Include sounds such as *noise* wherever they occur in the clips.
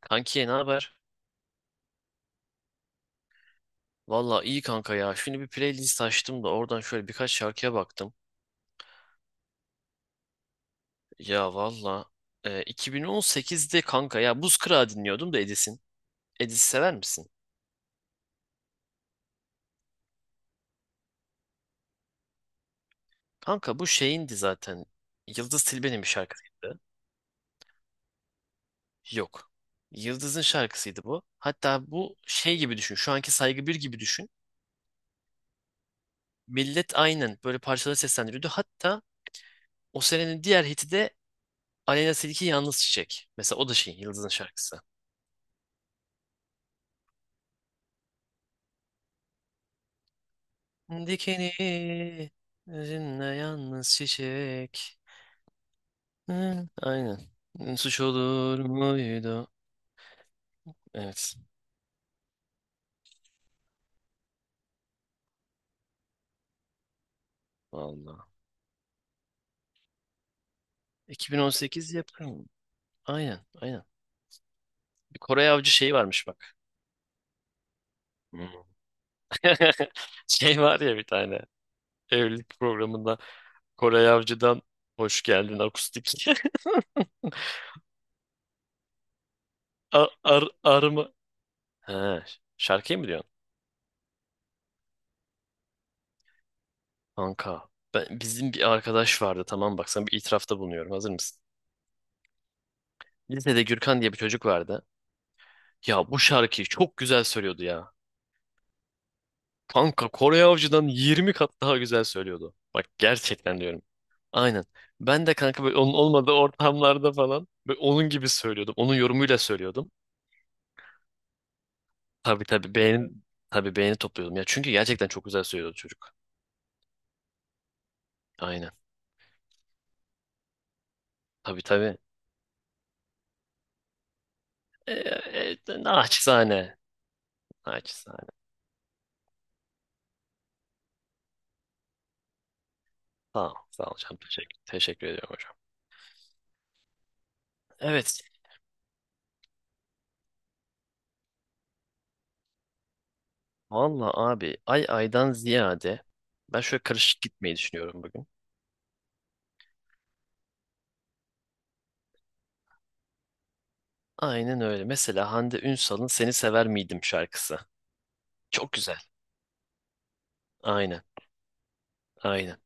Kanki ne haber? Valla iyi kanka ya. Şimdi bir playlist açtım da oradan şöyle birkaç şarkıya baktım. Ya valla 2018'de kanka ya Buz Kırağı dinliyordum da Edis'in. Edis sever misin? Kanka bu şeyindi zaten. Yıldız Tilbe'nin bir şarkısıydı. Yok. Yıldız'ın şarkısıydı bu. Hatta bu şey gibi düşün. Şu anki Saygı bir gibi düşün. Millet aynen böyle parçaları seslendiriyordu. Hatta o senenin diğer hiti de Aleyna Tilki Yalnız Çiçek. Mesela o da şey Yıldız'ın şarkısı. Dikeni özünle yalnız çiçek. Hı, aynen. Suç olur muydu? Evet. Vallahi. 2018 yapım. Aynen, aynen. Bir Kore Avcı şeyi varmış bak. Hmm. *laughs* Şey var ya bir tane. Evlilik programında Koray Avcı'dan hoş geldin akustik. *laughs* Ar, ar, arma. He, şarkıyı mı diyorsun? Kanka. Ben, bizim bir arkadaş vardı, tamam, bak, sana bir itirafta bulunuyorum. Hazır mısın? Lisede Gürkan diye bir çocuk vardı. Ya bu şarkıyı çok güzel söylüyordu ya. Kanka Kore Avcı'dan 20 kat daha güzel söylüyordu. Bak, gerçekten diyorum. Aynen. Ben de kanka böyle onun olmadığı ortamlarda falan böyle onun gibi söylüyordum. Onun yorumuyla söylüyordum. Tabii tabii, beğeni topluyordum ya. Çünkü gerçekten çok güzel söylüyordu çocuk. Aynen. Tabii tabii. Ee, naçizane. Naçizane. Sağ ol. Sağ ol hocam. Teşekkür ediyorum hocam. Evet. Valla abi ay aydan ziyade ben şöyle karışık gitmeyi düşünüyorum bugün. Aynen öyle. Mesela Hande Ünsal'ın Seni Sever Miydim şarkısı. Çok güzel. Aynen. Aynen.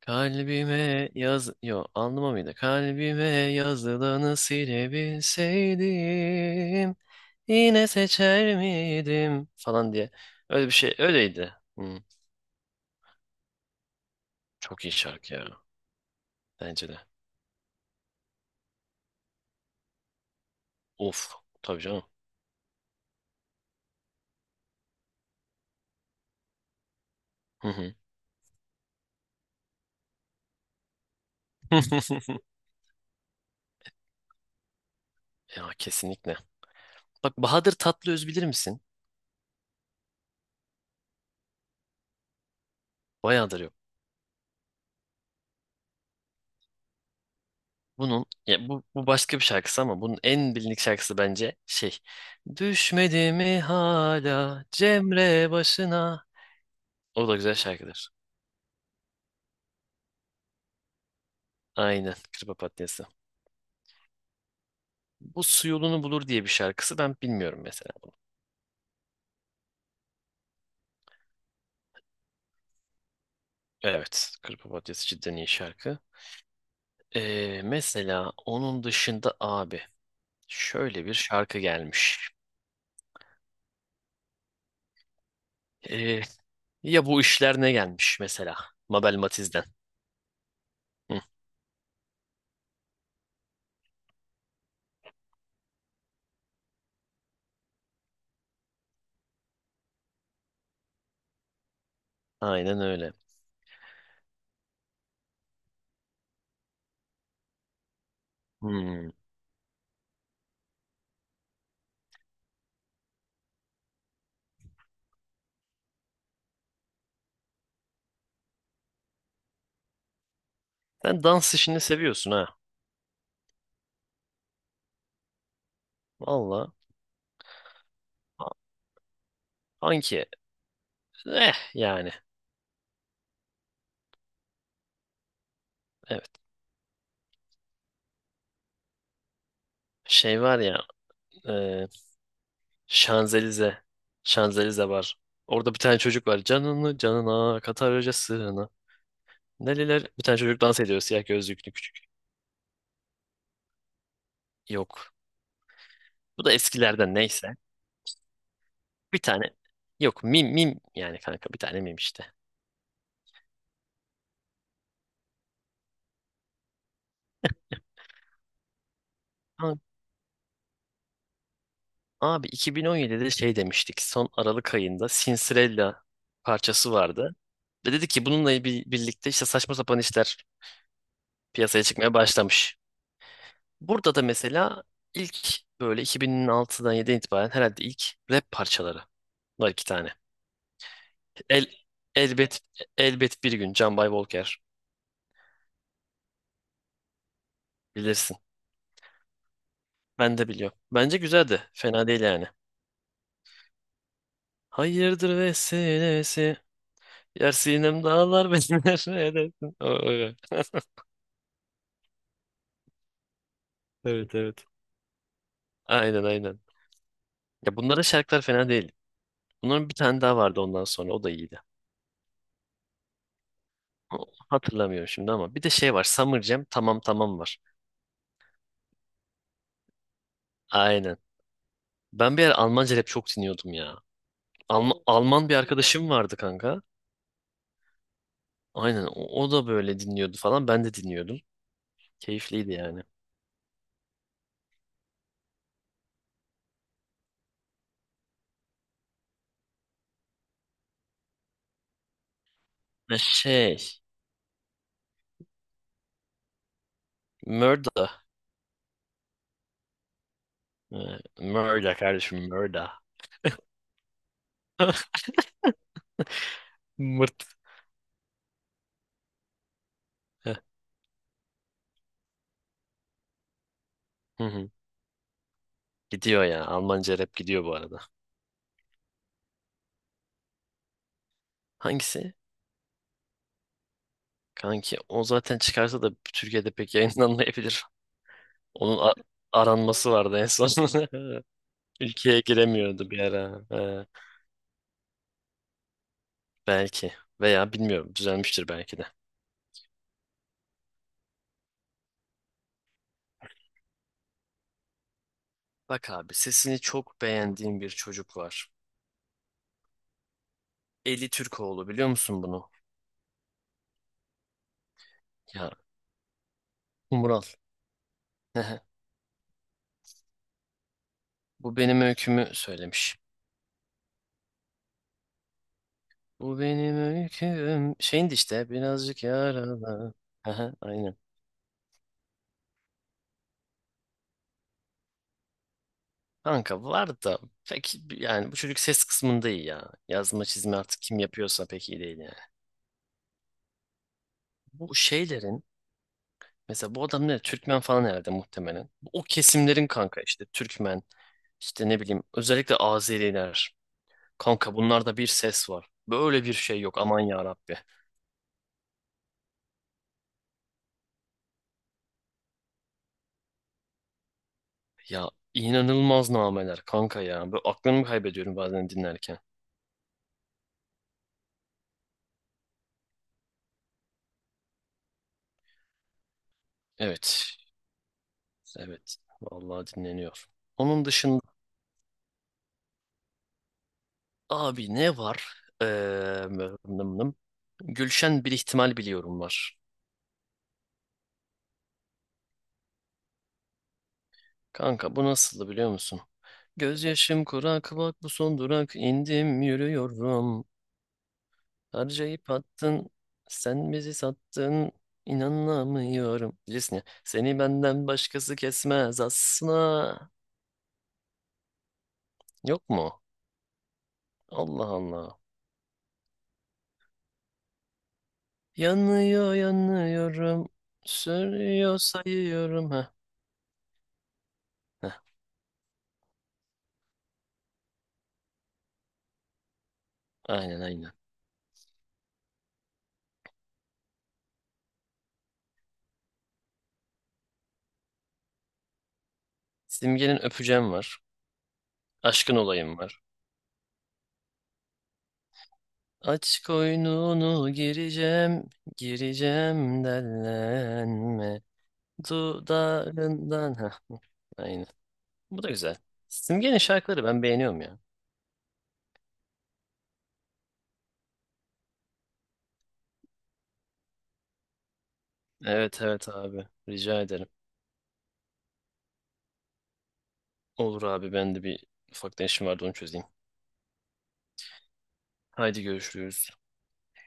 Kalbime yaz... Yo, anlama mıydı? Kalbime yazılanı silebilseydim yine seçer miydim falan diye. Öyle bir şey. Öyleydi. Hı, çok iyi şarkı ya. Bence de. Of. Tabii canım. Hı hı. *laughs* Ya kesinlikle. Bak, Bahadır Tatlıöz bilir misin? Bayağıdır yok. Bunun ya bu başka bir şarkısı ama bunun en bilindik şarkısı bence şey. Düşmedi mi hala Cemre başına? O da güzel şarkıdır. Aynen. Kır Papatyası. Bu su yolunu bulur diye bir şarkısı ben bilmiyorum mesela. Evet. Kır Papatyası cidden iyi şarkı. Mesela onun dışında abi şöyle bir şarkı gelmiş. Ee, ya bu işler ne gelmiş mesela? Mabel Matiz'den. Hı, aynen öyle. Hmm. Sen dans işini seviyorsun ha. Valla. A- Anki. Eh yani. Evet. Şey var ya. E, Şanzelize. Şanzelize var. Orada bir tane çocuk var. Canını canına katarca sığına. Neler? Bir tane çocuk dans ediyor. Siyah gözlüklü küçük. Yok. Bu da eskilerden, neyse. Bir tane. Yok, mim mim. Yani kanka bir tane mim işte. Ha, abi 2017'de şey demiştik. Son Aralık ayında Sinsirella parçası vardı. Ve dedi ki, bununla birlikte işte saçma sapan işler piyasaya çıkmaya başlamış. Burada da mesela ilk böyle 2006'dan 7'den itibaren herhalde ilk rap parçaları var iki tane. El, elbet elbet bir gün Can Bay Volker, bilirsin. Ben de biliyorum. Bence güzeldi. Fena değil yani. Hayırdır vesilesi. Yer sinem dağlar *laughs* benim, her neredesin? *laughs* Evet evet. Aynen aynen. Ya bunların şarkılar fena değil. Bunların bir tane daha vardı ondan sonra, o da iyiydi. Hatırlamıyorum şimdi ama bir de şey var Summer Jam, tamam tamam, var. Aynen. Ben bir ara Almanca rap çok dinliyordum ya. Alman bir arkadaşım vardı kanka. Aynen o da böyle dinliyordu falan. Ben de dinliyordum. Keyifliydi yani. Ha, şey, Murda. Ee, Murda kardeşim, Murda. *laughs* Mırt. Heh, hı hı. Gidiyor ya. Almanca rap gidiyor bu arada. Hangisi? Kanki o zaten çıkarsa da Türkiye'de pek yayınlanmayabilir. Onun aranması vardı en son. *laughs* Ülkeye giremiyordu bir ara. Belki. Veya bilmiyorum, düzelmiştir belki de. Bak abi, sesini çok beğendiğim bir çocuk var. Eli Türkoğlu, biliyor musun bunu? Ya, Umural. *laughs* Bu benim öykümü söylemiş. Bu benim öyküm. Şeyin de işte, birazcık yaralı. Aha, aynen. Kanka var da pek, yani bu çocuk ses kısmında iyi ya. Yazma çizme artık kim yapıyorsa pek iyi değil yani. Bu şeylerin mesela, bu adam ne, Türkmen falan herhalde muhtemelen. O kesimlerin kanka, işte Türkmen, işte ne bileyim özellikle Azeriler. Kanka bunlarda bir ses var. Böyle bir şey yok, aman ya Rabbi. Ya, inanılmaz nameler kanka ya. Böyle aklımı kaybediyorum bazen dinlerken. Evet. Evet. Vallahi, dinleniyor. Onun dışında abi ne var? Ee, nım nım nım. Gülşen bir ihtimal, biliyorum var. Kanka bu nasıldı biliyor musun? Gözyaşım kurak, bak bu son durak, indim yürüyorum. Harcayıp attın, sen bizi sattın, inanamıyorum. Bilirsin ya, seni benden başkası kesmez asla. Yok mu? Allah Allah. Yanıyor yanıyorum, sürüyor sayıyorum. Heh, heh, aynen aynen. Simge'nin öpeceğim var, aşkın olayım var. Aç koynunu gireceğim, gireceğim dellenme. Dudağından, heh, aynen. Bu da güzel. Simge'nin şarkıları ben beğeniyorum ya. Evet evet abi. Rica ederim. Olur abi, ben de bir ufaktan işim vardı, onu çözeyim. Haydi görüşürüz.